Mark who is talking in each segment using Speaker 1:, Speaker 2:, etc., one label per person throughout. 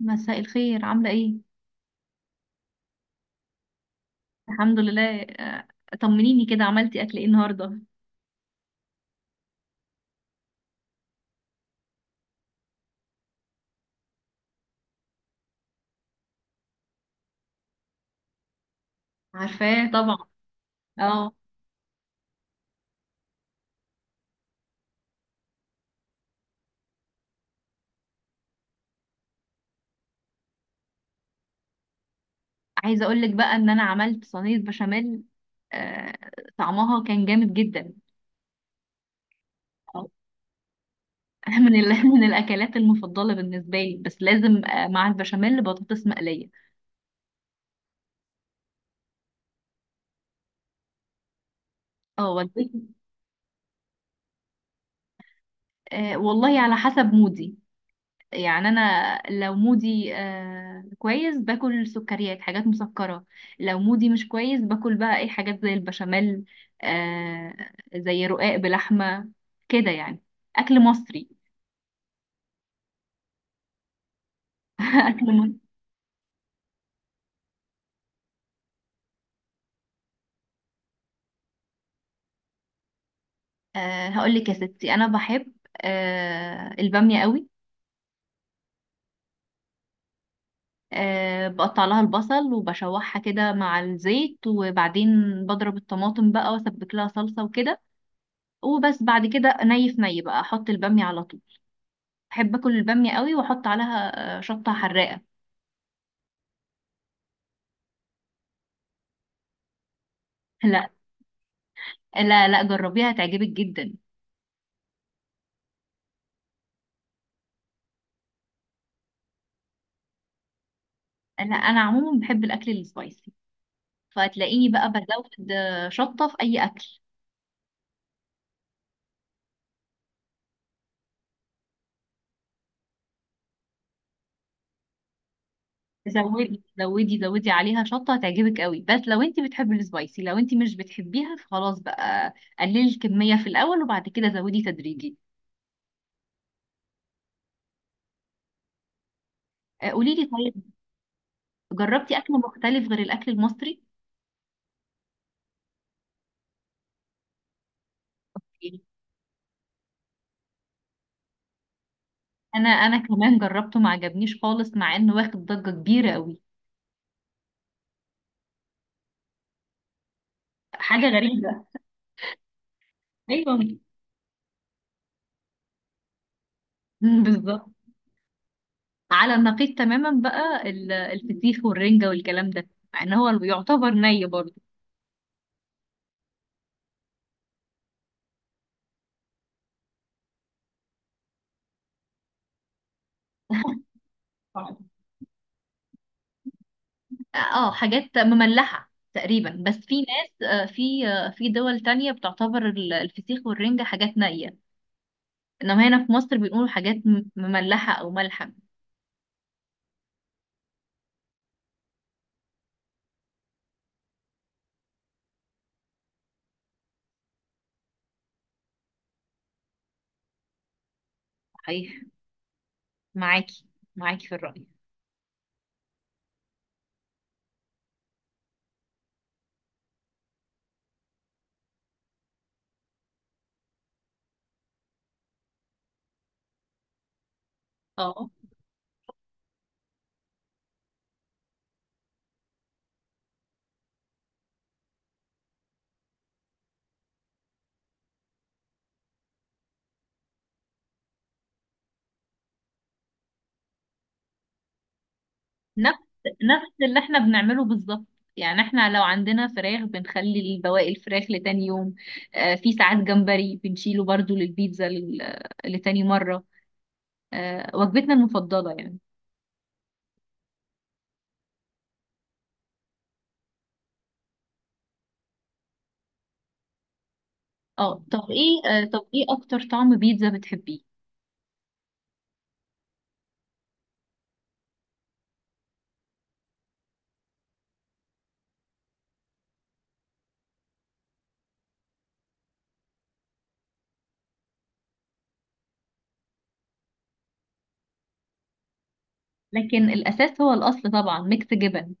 Speaker 1: مساء الخير، عاملة ايه؟ الحمد لله. طمنيني كده، عملتي اكل ايه النهاردة؟ عارفاه طبعا. اه، عايزة اقولك بقى ان انا عملت صينية بشاميل. آه، طعمها كان جامد جدا. آه، من الاكلات المفضلة بالنسبة لي، بس لازم مع البشاميل بطاطس مقلية. اه والدتي. والله على حسب مودي، يعني انا لو مودي كويس باكل سكريات، حاجات مسكرة. لو مودي مش كويس باكل بقى اي حاجات زي البشاميل، آه، زي رقاق بلحمة، كده يعني، اكل مصري. اكل مصري. هقول لك يا ستي، انا بحب البامية قوي. آه، بقطع لها البصل وبشوحها كده مع الزيت، وبعدين بضرب الطماطم بقى واسبك لها صلصة وكده، وبس. بعد كده ني في ني بقى احط البامية على طول. بحب اكل الباميه قوي، واحط عليها شطه حراقه. لا، لا لا، جربيها هتعجبك جدا. لا، انا عموما بحب الاكل السبايسي، فهتلاقيني بقى بزود شطه في اي اكل. زودي زودي زودي عليها شطه، هتعجبك قوي، بس لو انت بتحبي السبايسي. لو انت مش بتحبيها فخلاص بقى، قللي الكميه في الاول وبعد كده زودي تدريجي. قولي لي طيب، جربتي اكل مختلف غير الاكل المصري؟ انا كمان جربته ما عجبنيش خالص، مع انه واخد ضجه كبيره قوي. حاجه غريبه. ايوه، بالظبط. على النقيض تماما بقى الفسيخ والرنجة والكلام ده، مع ان هو يعتبر ني برضه. آه. اه، حاجات مملحة تقريبا، بس في ناس، في دول تانية بتعتبر الفسيخ والرنجة حاجات نية. انما هنا في مصر بيقولوا حاجات مملحة او ملحة. صحيح، معاكي معاكي في الرأي. اه، نفس نفس اللي احنا بنعمله بالظبط. يعني احنا لو عندنا فراخ بنخلي بواقي الفراخ لتاني يوم. آه، في ساعات جمبري بنشيله برضو للبيتزا لتاني مرة. آه، وجبتنا المفضلة يعني. اه، طب ايه اكتر طعم بيتزا بتحبيه؟ لكن الاساس هو الاصل طبعا ميكس جبن.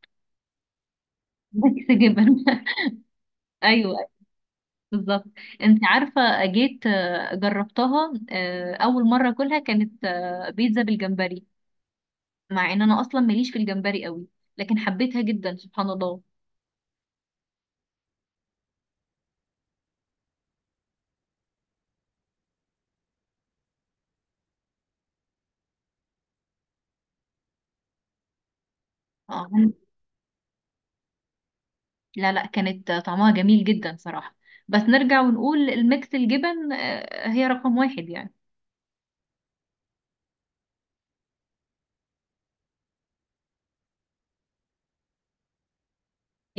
Speaker 1: ميكس جبن. ايوه، بالظبط. انت عارفة، جيت جربتها اول مرة كلها كانت بيتزا بالجمبري، مع ان انا اصلا ماليش في الجمبري قوي، لكن حبيتها جدا سبحان الله. آه. لا لا، كانت طعمها جميل جدا صراحة. بس نرجع ونقول الميكس الجبن هي رقم واحد يعني.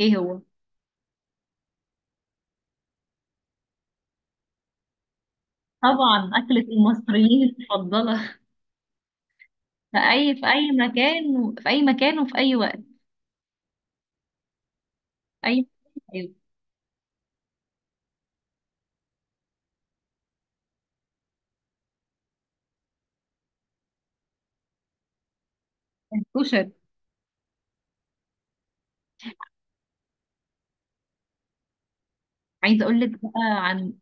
Speaker 1: ايه هو؟ طبعا أكلة المصريين المفضلة. في أي مكان، في أي مكان وفي أي وقت. أي، أيوة. الكشري. عايزة أقول لك بقى عن،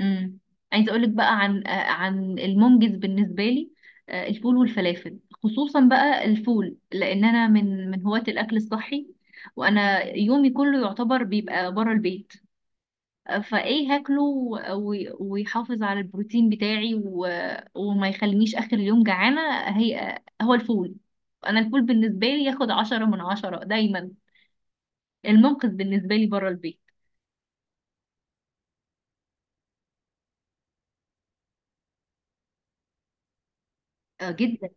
Speaker 1: امم، عايزه اقول لك بقى عن، عن المنجز بالنسبه لي. آه، الفول والفلافل، خصوصا بقى الفول، لان انا من هواة الاكل الصحي، وانا يومي كله يعتبر بيبقى بره البيت. آه، فايه هاكله ويحافظ على البروتين بتاعي وما يخلينيش اخر اليوم جعانه. هي آه، هو الفول. انا الفول بالنسبه لي ياخد 10 من 10 دايما، المنقذ بالنسبه لي بره البيت. آه، جدا.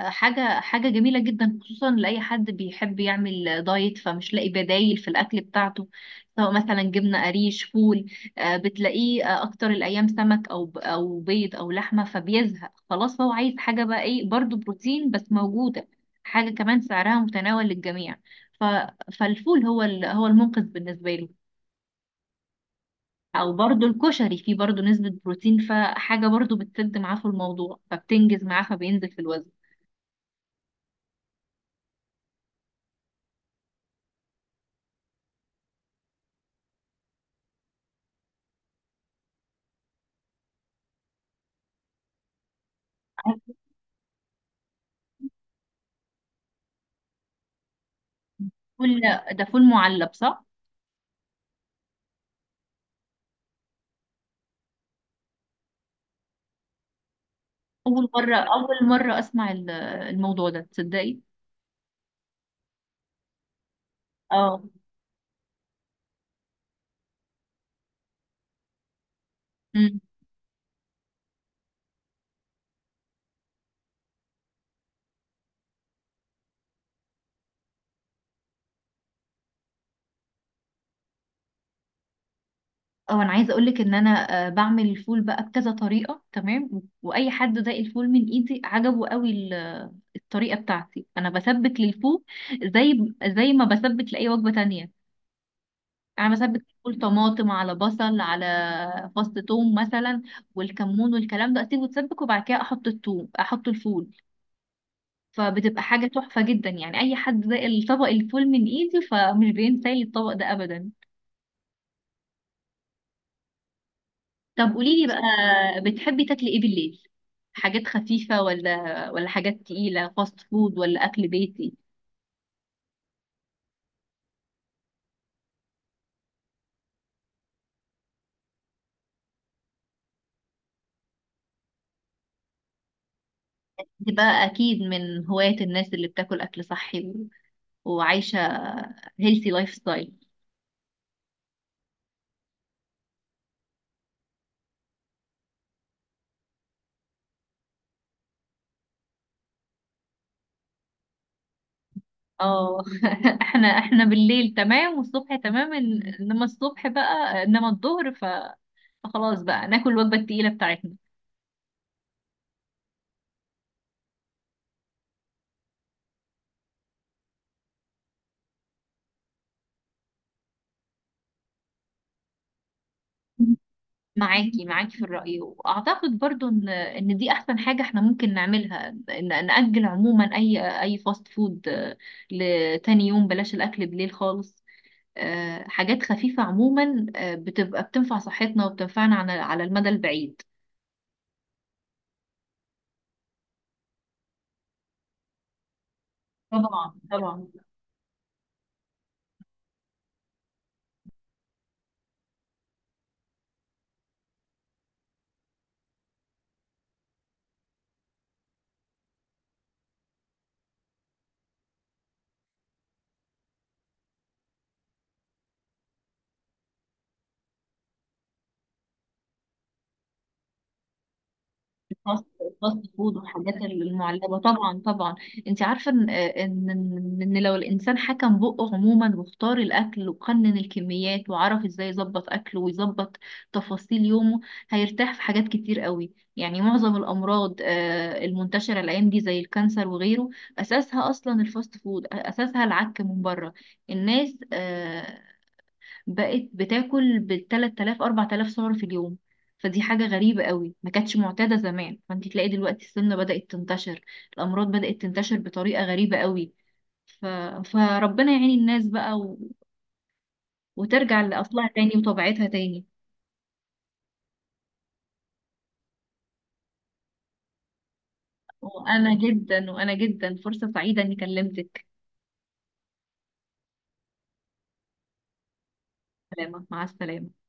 Speaker 1: حاجة حاجة جميلة جدا، خصوصا لأي حد بيحب يعمل دايت فمش لاقي بدايل في الأكل بتاعته، سواء مثلا جبنة قريش، فول. آه، بتلاقيه آه، أكتر الأيام سمك أو بيض أو لحمة، فبيزهق خلاص، هو عايز حاجة بقى، إيه برضو؟ بروتين بس موجودة، حاجة كمان سعرها متناول للجميع. ف... فالفول هو هو المنقذ بالنسبة له. أو برضو الكشري، فيه برضو نسبة بروتين، فحاجة برضو بتسد معاه في الموضوع، فبتنجز معاه فبينزل في الوزن. عايز فول. ده فول معلب صح؟ اول مره اول مره اسمع الموضوع ده، تصدقي؟ اه. امم. اه، انا عايزه اقول لك ان انا بعمل الفول بقى بكذا طريقه. تمام، واي حد داق الفول من ايدي عجبه قوي. الطريقه بتاعتي انا بسبك للفول زي زي ما بسبك لاي وجبه تانية. انا بسبك الفول طماطم على بصل على فص ثوم مثلا، والكمون والكلام ده، اسيبه يتسبك، وبعد كده احط الثوم احط الفول. فبتبقى حاجة تحفة جدا، يعني أي حد ده الطبق الفول من إيدي فمش بينسى لي الطبق ده أبدا. طب قوليلي بقى، بتحبي تاكلي إيه بالليل؟ حاجات خفيفة، ولا حاجات تقيلة، فاست فود ولا أكل بيتي؟ دي بقى أكيد من هواية الناس اللي بتاكل أكل صحي وعايشة هيلثي لايف ستايل. اه، احنا احنا بالليل تمام والصبح تمام، انما الصبح بقى، انما الظهر فخلاص بقى ناكل الوجبة التقيلة بتاعتنا. معاكي معاكي في الرأي، وأعتقد برضو إن دي أحسن حاجة إحنا ممكن نعملها، إن نأجل عموما أي فاست فود لتاني يوم. بلاش الأكل بالليل خالص، آه، حاجات خفيفة عموما، آه، بتبقى بتنفع صحتنا وبتنفعنا على المدى البعيد. طبعا طبعا. الفاست فود والحاجات المعلبه، طبعا طبعا. انت عارفه ان إن لو الانسان حكم بقه عموما واختار الاكل وقنن الكميات وعرف ازاي يظبط اكله ويظبط تفاصيل يومه، هيرتاح في حاجات كتير قوي. يعني معظم الامراض آه، المنتشره الايام دي زي الكانسر وغيره، اساسها اصلا الفاست فود، اساسها العك من بره. الناس آه، بقت بتاكل بالتلات آلاف 4 آلاف سعر في اليوم، فدي حاجة غريبة قوي ما كانتش معتادة زمان. فانت تلاقي دلوقتي السمنة بدأت تنتشر، الأمراض بدأت تنتشر بطريقة غريبة قوي. ف... فربنا يعين الناس بقى وترجع لأصلها تاني وطبيعتها تاني. وأنا جدا، وأنا جدا فرصة سعيدة إني كلمتك. سلامة، مع السلامة.